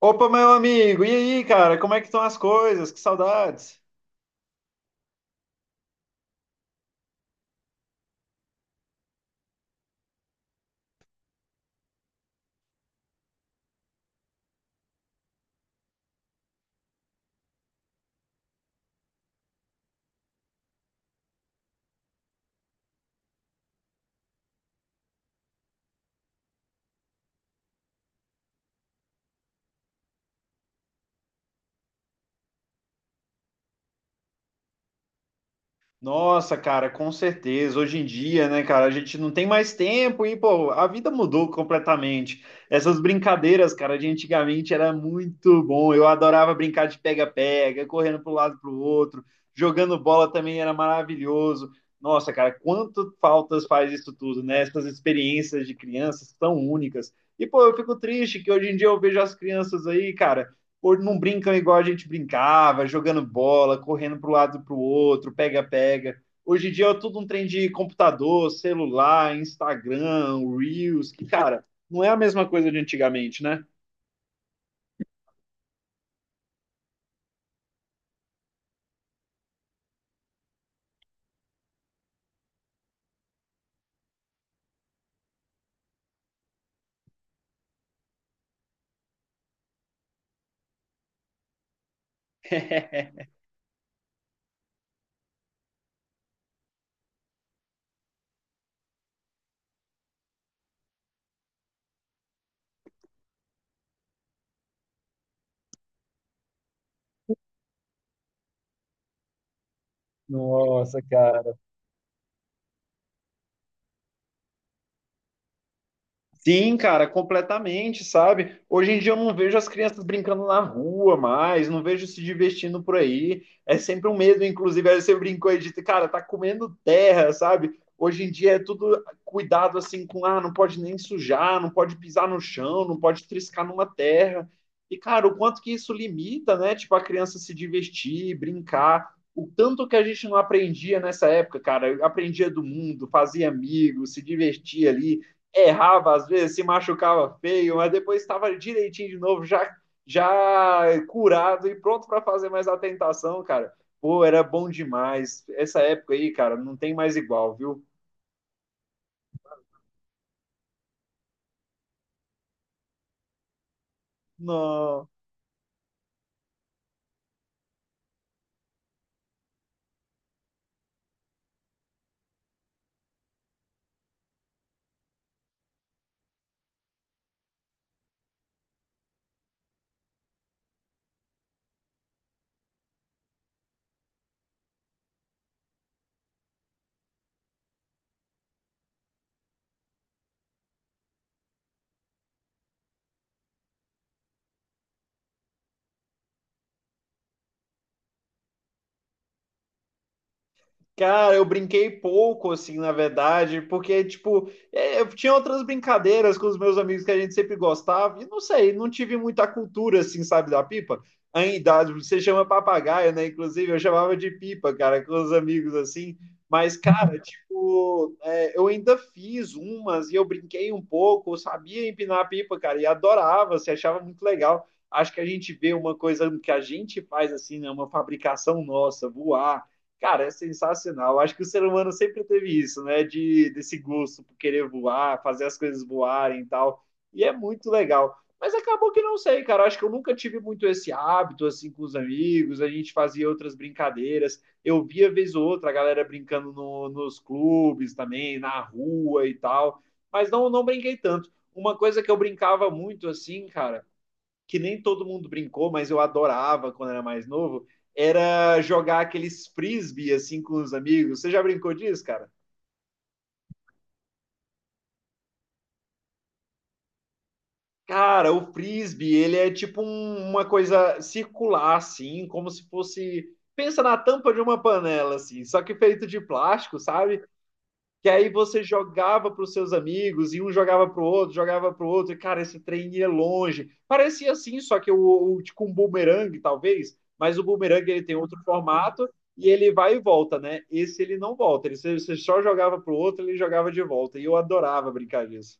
Opa, meu amigo, e aí, cara, como é que estão as coisas? Que saudades! Nossa, cara, com certeza. Hoje em dia, né, cara, a gente não tem mais tempo e, pô, a vida mudou completamente. Essas brincadeiras, cara, de antigamente era muito bom. Eu adorava brincar de pega-pega, correndo para um lado para o outro, jogando bola também era maravilhoso. Nossa, cara, quanto faltas faz isso tudo, né? Essas experiências de crianças tão únicas. E, pô, eu fico triste que hoje em dia eu vejo as crianças aí, cara. Hoje não brincam igual a gente brincava, jogando bola, correndo para o lado e para o outro, pega-pega. Hoje em dia é tudo um trem de computador, celular, Instagram, Reels, que, cara, não é a mesma coisa de antigamente, né? Nossa, cara. Sim, cara, completamente, sabe? Hoje em dia eu não vejo as crianças brincando na rua mais, não vejo se divertindo por aí. É sempre um medo, inclusive, aí você brincou e disse, cara, tá comendo terra, sabe? Hoje em dia é tudo cuidado assim com, não pode nem sujar, não pode pisar no chão, não pode triscar numa terra. E, cara, o quanto que isso limita, né? Tipo, a criança se divertir, brincar. O tanto que a gente não aprendia nessa época, cara, aprendia do mundo, fazia amigos, se divertia ali, errava às vezes, se machucava feio, mas depois estava direitinho de novo, já, já curado e pronto para fazer mais a tentação, cara. Pô, era bom demais. Essa época aí, cara, não tem mais igual, viu? Não. Cara, eu brinquei pouco, assim, na verdade, porque, tipo, é, eu tinha outras brincadeiras com os meus amigos que a gente sempre gostava, e não sei, não tive muita cultura, assim, sabe, da pipa. Ainda, você chama papagaio, né? Inclusive, eu chamava de pipa, cara, com os amigos, assim. Mas, cara, tipo, é, eu ainda fiz umas e eu brinquei um pouco, eu sabia empinar a pipa, cara, e adorava, se achava muito legal. Acho que a gente vê uma coisa que a gente faz, assim, né? Uma fabricação nossa, voar. Cara, é sensacional. Acho que o ser humano sempre teve isso, né? De desse gosto por querer voar, fazer as coisas voarem e tal. E é muito legal. Mas acabou que não sei, cara. Acho que eu nunca tive muito esse hábito assim com os amigos. A gente fazia outras brincadeiras. Eu via vez ou outra a galera brincando nos clubes também, na rua e tal. Mas não, não brinquei tanto. Uma coisa que eu brincava muito assim, cara, que nem todo mundo brincou, mas eu adorava quando era mais novo, era jogar aqueles frisbee assim com os amigos. Você já brincou disso, cara? Cara, o frisbee, ele é tipo uma coisa circular assim, como se fosse. Pensa na tampa de uma panela, assim, só que feito de plástico, sabe? Que aí você jogava para os seus amigos e um jogava para o outro, jogava para o outro, e cara, esse trem ia longe. Parecia assim, só que o tipo um bumerangue, talvez, mas o bumerangue ele tem outro formato e ele vai e volta, né? Esse ele não volta, ele, você só jogava para o outro, ele jogava de volta, e eu adorava brincar disso.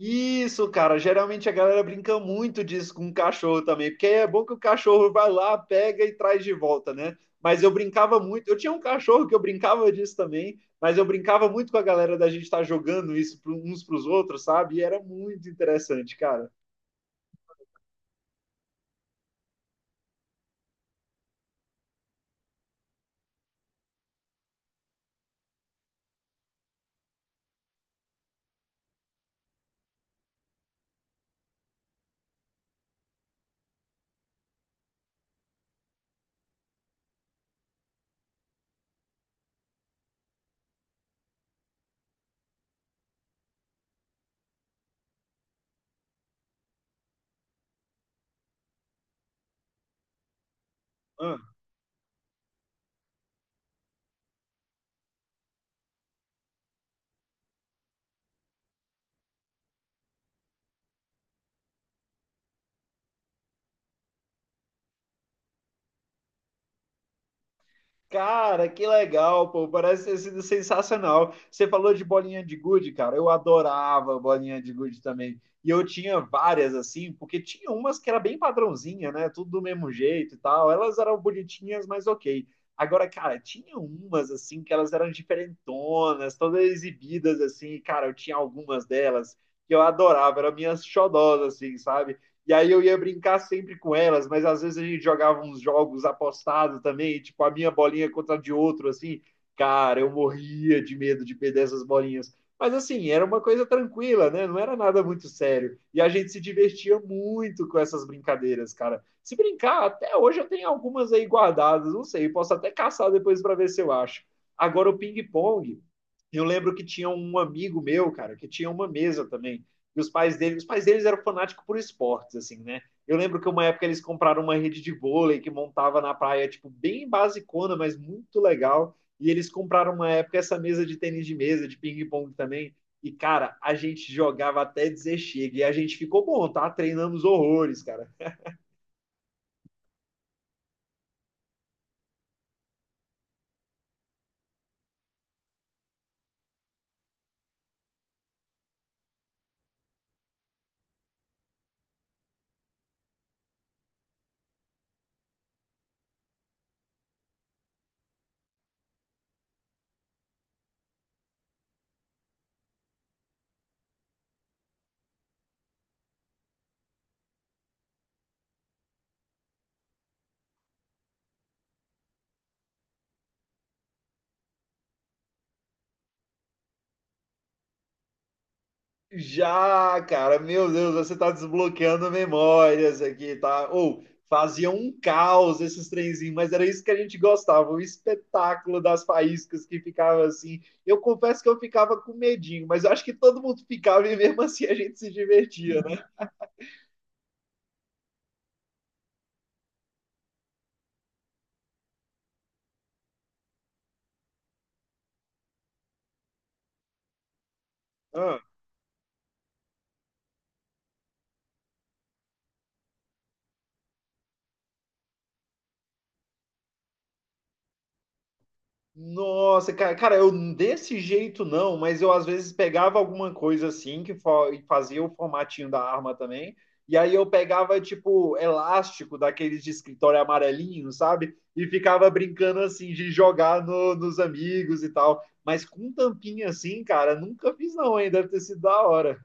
Isso, cara. Geralmente a galera brinca muito disso com o cachorro também, porque é bom que o cachorro vai lá, pega e traz de volta, né? Mas eu brincava muito. Eu tinha um cachorro que eu brincava disso também, mas eu brincava muito com a galera da gente estar jogando isso uns para os outros, sabe? E era muito interessante, cara. Ah. Cara, que legal, pô. Parece ter sido sensacional. Você falou de bolinha de gude, cara. Eu adorava bolinha de gude também. E eu tinha várias assim, porque tinha umas que era bem padrãozinha, né? Tudo do mesmo jeito e tal. Elas eram bonitinhas, mas ok. Agora, cara, tinha umas assim que elas eram diferentonas, todas exibidas assim. Cara, eu tinha algumas delas que eu adorava, eram minhas xodós assim, sabe? E aí eu ia brincar sempre com elas, mas às vezes a gente jogava uns jogos apostados também, tipo a minha bolinha contra a de outro, assim. Cara, eu morria de medo de perder essas bolinhas. Mas assim, era uma coisa tranquila, né? Não era nada muito sério. E a gente se divertia muito com essas brincadeiras, cara. Se brincar, até hoje eu tenho algumas aí guardadas, não sei, posso até caçar depois para ver se eu acho. Agora o ping-pong, eu lembro que tinha um amigo meu, cara, que tinha uma mesa também. E os pais dele, os pais deles eram fanáticos por esportes, assim, né? Eu lembro que uma época eles compraram uma rede de vôlei que montava na praia, tipo, bem basicona, mas muito legal. E eles compraram uma época essa mesa de tênis de mesa, de ping-pong também. E, cara, a gente jogava até dizer chega. E a gente ficou bom, tá? Treinamos horrores, cara. Já, cara, meu Deus, você tá desbloqueando memórias aqui, tá? Ou fazia um caos esses trenzinhos, mas era isso que a gente gostava, o espetáculo das faíscas que ficava assim. Eu confesso que eu ficava com medinho, mas eu acho que todo mundo ficava e mesmo assim a gente se divertia, né? Ah. Nossa, cara, eu desse jeito não, mas eu às vezes pegava alguma coisa assim que e fazia o formatinho da arma também, e aí eu pegava tipo elástico daqueles de escritório amarelinho, sabe? E ficava brincando assim de jogar nos amigos e tal. Mas com tampinha assim, cara, nunca fiz não, hein? Deve ter sido da hora.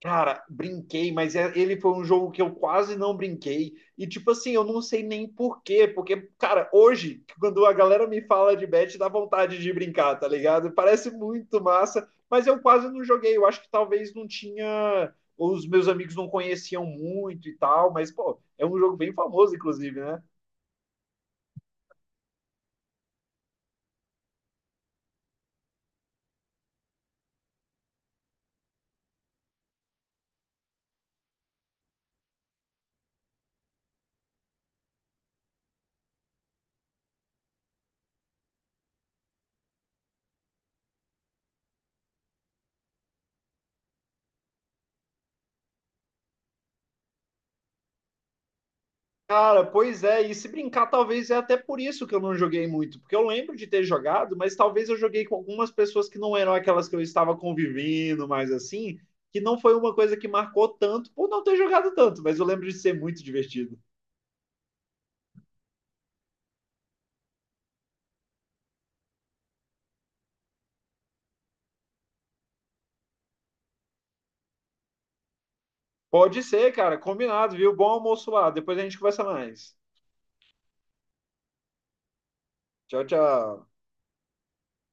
Cara, brinquei, mas ele foi um jogo que eu quase não brinquei. E, tipo assim, eu não sei nem por quê. Porque, cara, hoje, quando a galera me fala de bet, dá vontade de brincar, tá ligado? Parece muito massa, mas eu quase não joguei. Eu acho que talvez não tinha. Os meus amigos não conheciam muito e tal. Mas, pô, é um jogo bem famoso, inclusive, né? Cara, pois é, e se brincar, talvez é até por isso que eu não joguei muito, porque eu lembro de ter jogado, mas talvez eu joguei com algumas pessoas que não eram aquelas que eu estava convivendo, mas assim, que não foi uma coisa que marcou tanto por não ter jogado tanto, mas eu lembro de ser muito divertido. Pode ser, cara, combinado, viu? Bom almoço lá, depois a gente conversa mais. Tchau, tchau.